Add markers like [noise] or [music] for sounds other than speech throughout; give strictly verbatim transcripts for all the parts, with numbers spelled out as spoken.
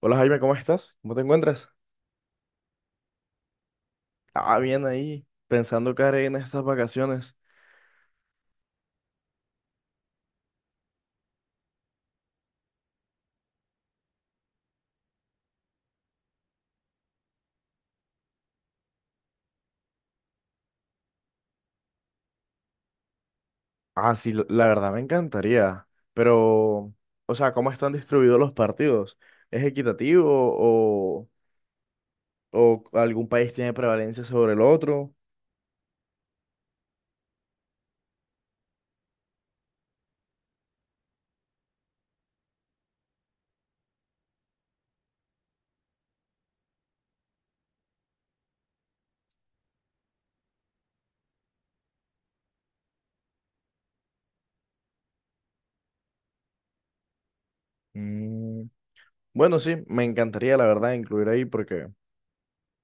Hola Jaime, ¿cómo estás? ¿Cómo te encuentras? Ah, bien ahí, pensando qué haré en estas vacaciones. Ah, sí, lo- la verdad me encantaría, pero, o sea, ¿cómo están distribuidos los partidos? ¿Es equitativo o, o algún país tiene prevalencia sobre el otro? Mm, Bueno, sí, me encantaría, la verdad, incluir ahí porque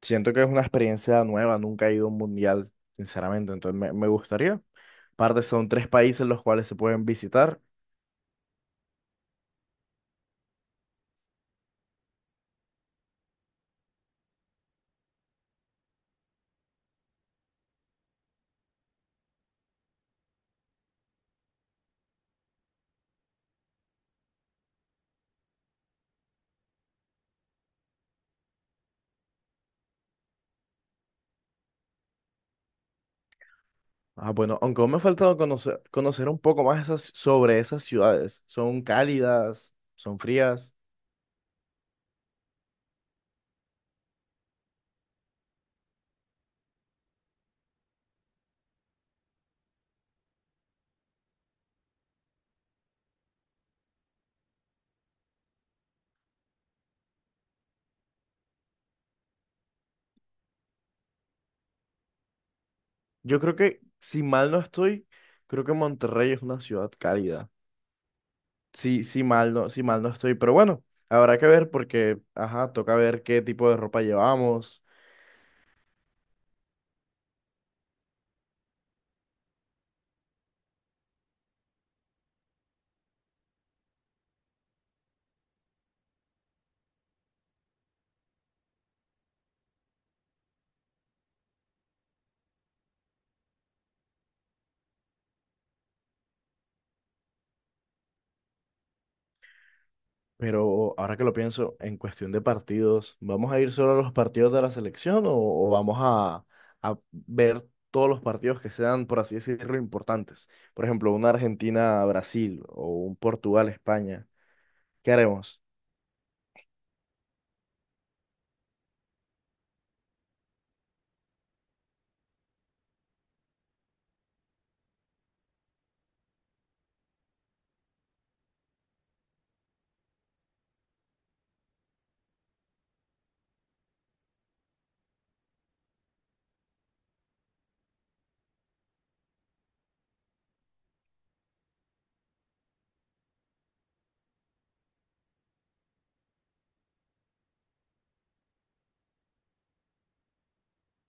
siento que es una experiencia nueva, nunca he ido a un mundial, sinceramente, entonces me, me gustaría. Aparte, son tres países los cuales se pueden visitar. Ah, bueno, aunque aún me ha faltado conocer, conocer un poco más esas, sobre esas ciudades. ¿Son cálidas? ¿Son frías? Yo creo que, si mal no estoy, creo que Monterrey es una ciudad cálida. Sí, sí, mal no, sí, mal no estoy, pero bueno, habrá que ver porque, ajá, toca ver qué tipo de ropa llevamos. Pero ahora que lo pienso, en cuestión de partidos, ¿vamos a ir solo a los partidos de la selección o, o vamos a, a ver todos los partidos que sean, por así decirlo, importantes? Por ejemplo, una Argentina-Brasil o un Portugal-España. ¿Qué haremos?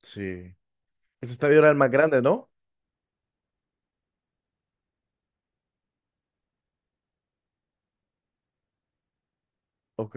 Sí. Ese estadio era el más grande, ¿no? Ok.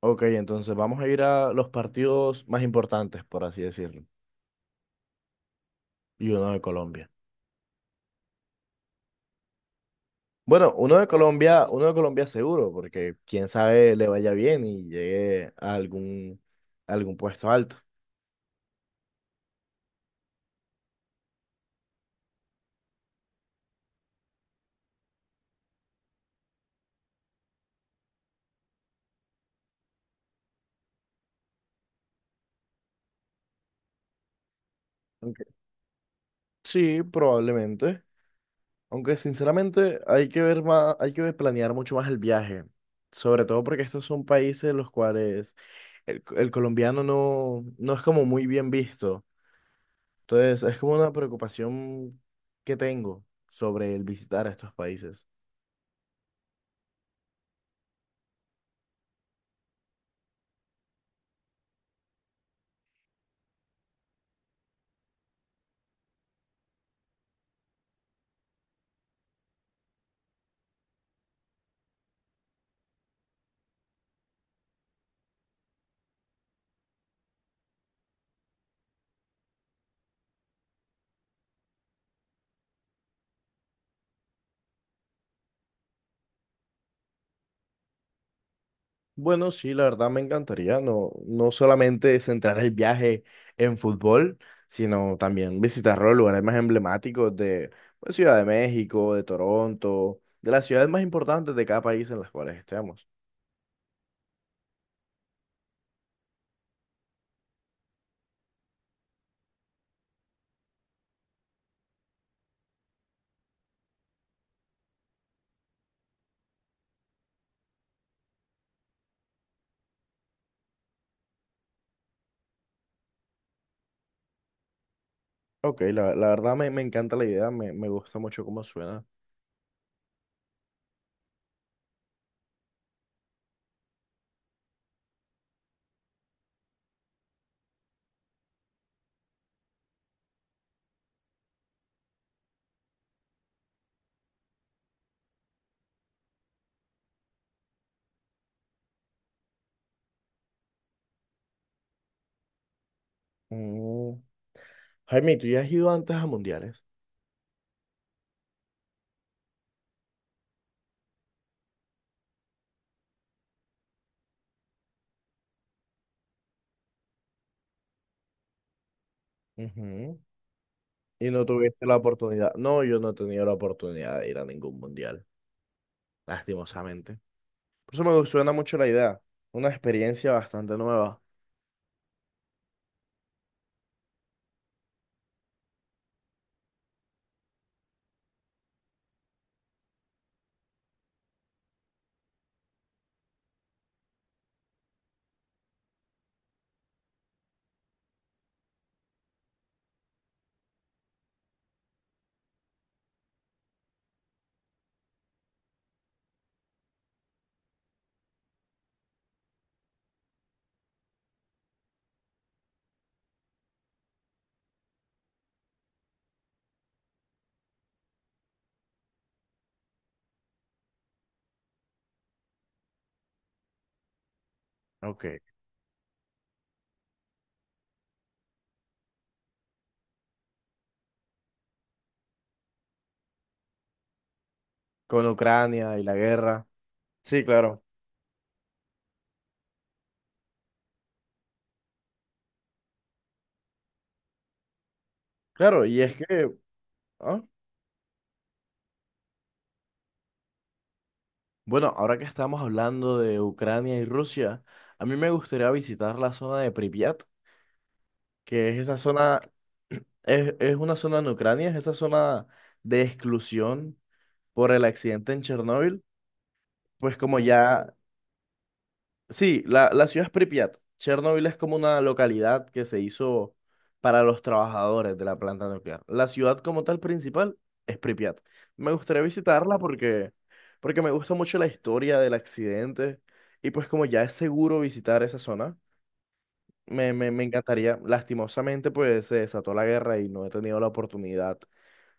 Ok, entonces vamos a ir a los partidos más importantes, por así decirlo, y uno de Colombia. Bueno, uno de Colombia, uno de Colombia seguro, porque quién sabe le vaya bien y llegue a algún, a algún puesto alto. Aunque, sí, probablemente. Aunque sinceramente hay que ver más, hay que planear mucho más el viaje. Sobre todo porque estos son países en los cuales el, el colombiano no, no es como muy bien visto. Entonces, es como una preocupación que tengo sobre el visitar estos países. Bueno, sí, la verdad me encantaría no, no solamente centrar el viaje en fútbol, sino también visitar los lugares más emblemáticos de, pues, Ciudad de México, de Toronto, de las ciudades más importantes de cada país en las cuales estemos. Ok, la, la verdad me, me encanta la idea, me, me gusta mucho cómo suena. Mm. Jaime, ¿tú ya has ido antes a mundiales? Ujú. Y no tuviste la oportunidad. No, yo no he tenido la oportunidad de ir a ningún mundial, lastimosamente. Por eso me suena mucho la idea. Una experiencia bastante nueva. Ok. Con Ucrania y la guerra. Sí, claro. Claro, y es que, ah, bueno, ahora que estamos hablando de Ucrania y Rusia, a mí me gustaría visitar la zona de Pripyat, que es esa zona, [clears throat] es, es una zona en Ucrania, es esa zona de exclusión por el accidente en Chernóbil. Pues como ya, sí, la, la ciudad es Pripyat. Chernobyl es como una localidad que se hizo para los trabajadores de la planta nuclear. La ciudad como tal principal es Pripyat. Me gustaría visitarla porque, porque me gusta mucho la historia del accidente y pues como ya es seguro visitar esa zona, me, me, me encantaría. Lastimosamente pues se desató la guerra y no he tenido la oportunidad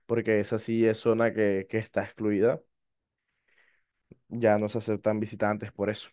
porque esa sí es zona que, que está excluida. Ya no se aceptan visitantes por eso.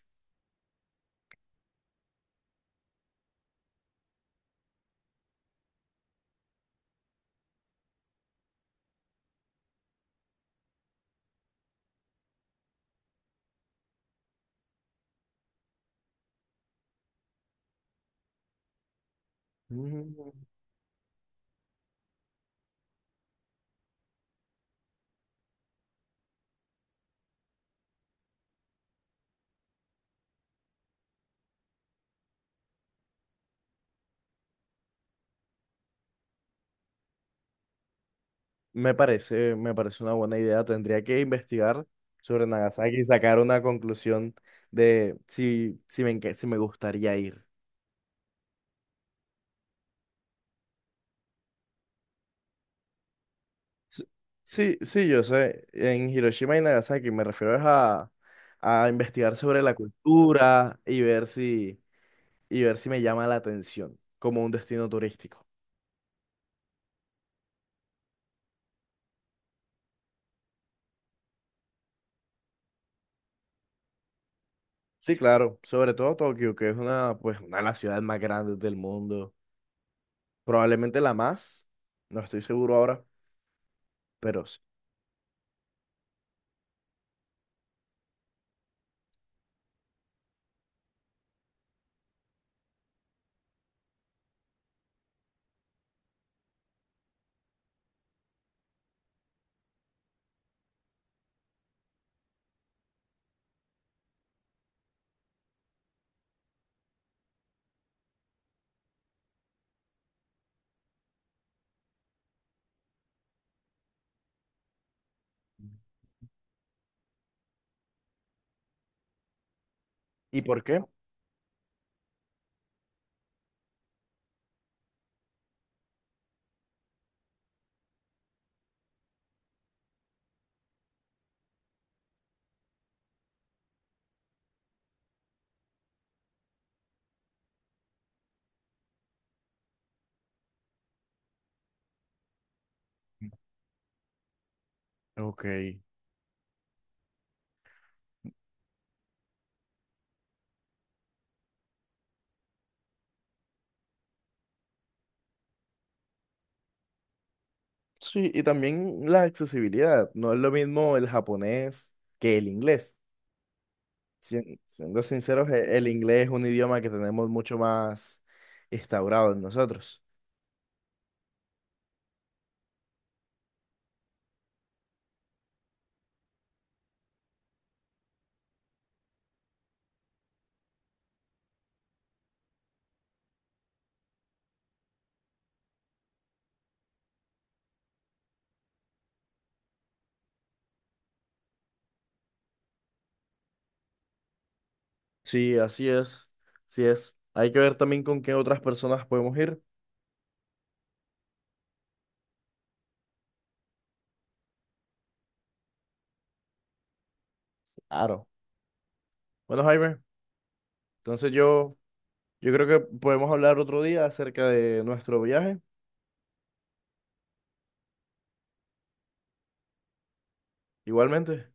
Me parece, me parece una buena idea. Tendría que investigar sobre Nagasaki y sacar una conclusión de si, si me, enca- si me gustaría ir. S- Sí, sí, yo sé. En Hiroshima y Nagasaki me refiero es a, a investigar sobre la cultura y ver si, y ver si me llama la atención como un destino turístico. Sí, claro. Sobre todo Tokio, que es una, pues, una de las ciudades más grandes del mundo. Probablemente la más. No estoy seguro ahora, pero sí. ¿Y por qué? Ok. Sí, y también la accesibilidad. No es lo mismo el japonés que el inglés. Sien- Siendo sinceros, e- el inglés es un idioma que tenemos mucho más instaurado en nosotros. Sí, así es. Así es. Hay que ver también con qué otras personas podemos ir. Claro. Bueno, Jaime, entonces yo, yo creo que podemos hablar otro día acerca de nuestro viaje. Igualmente.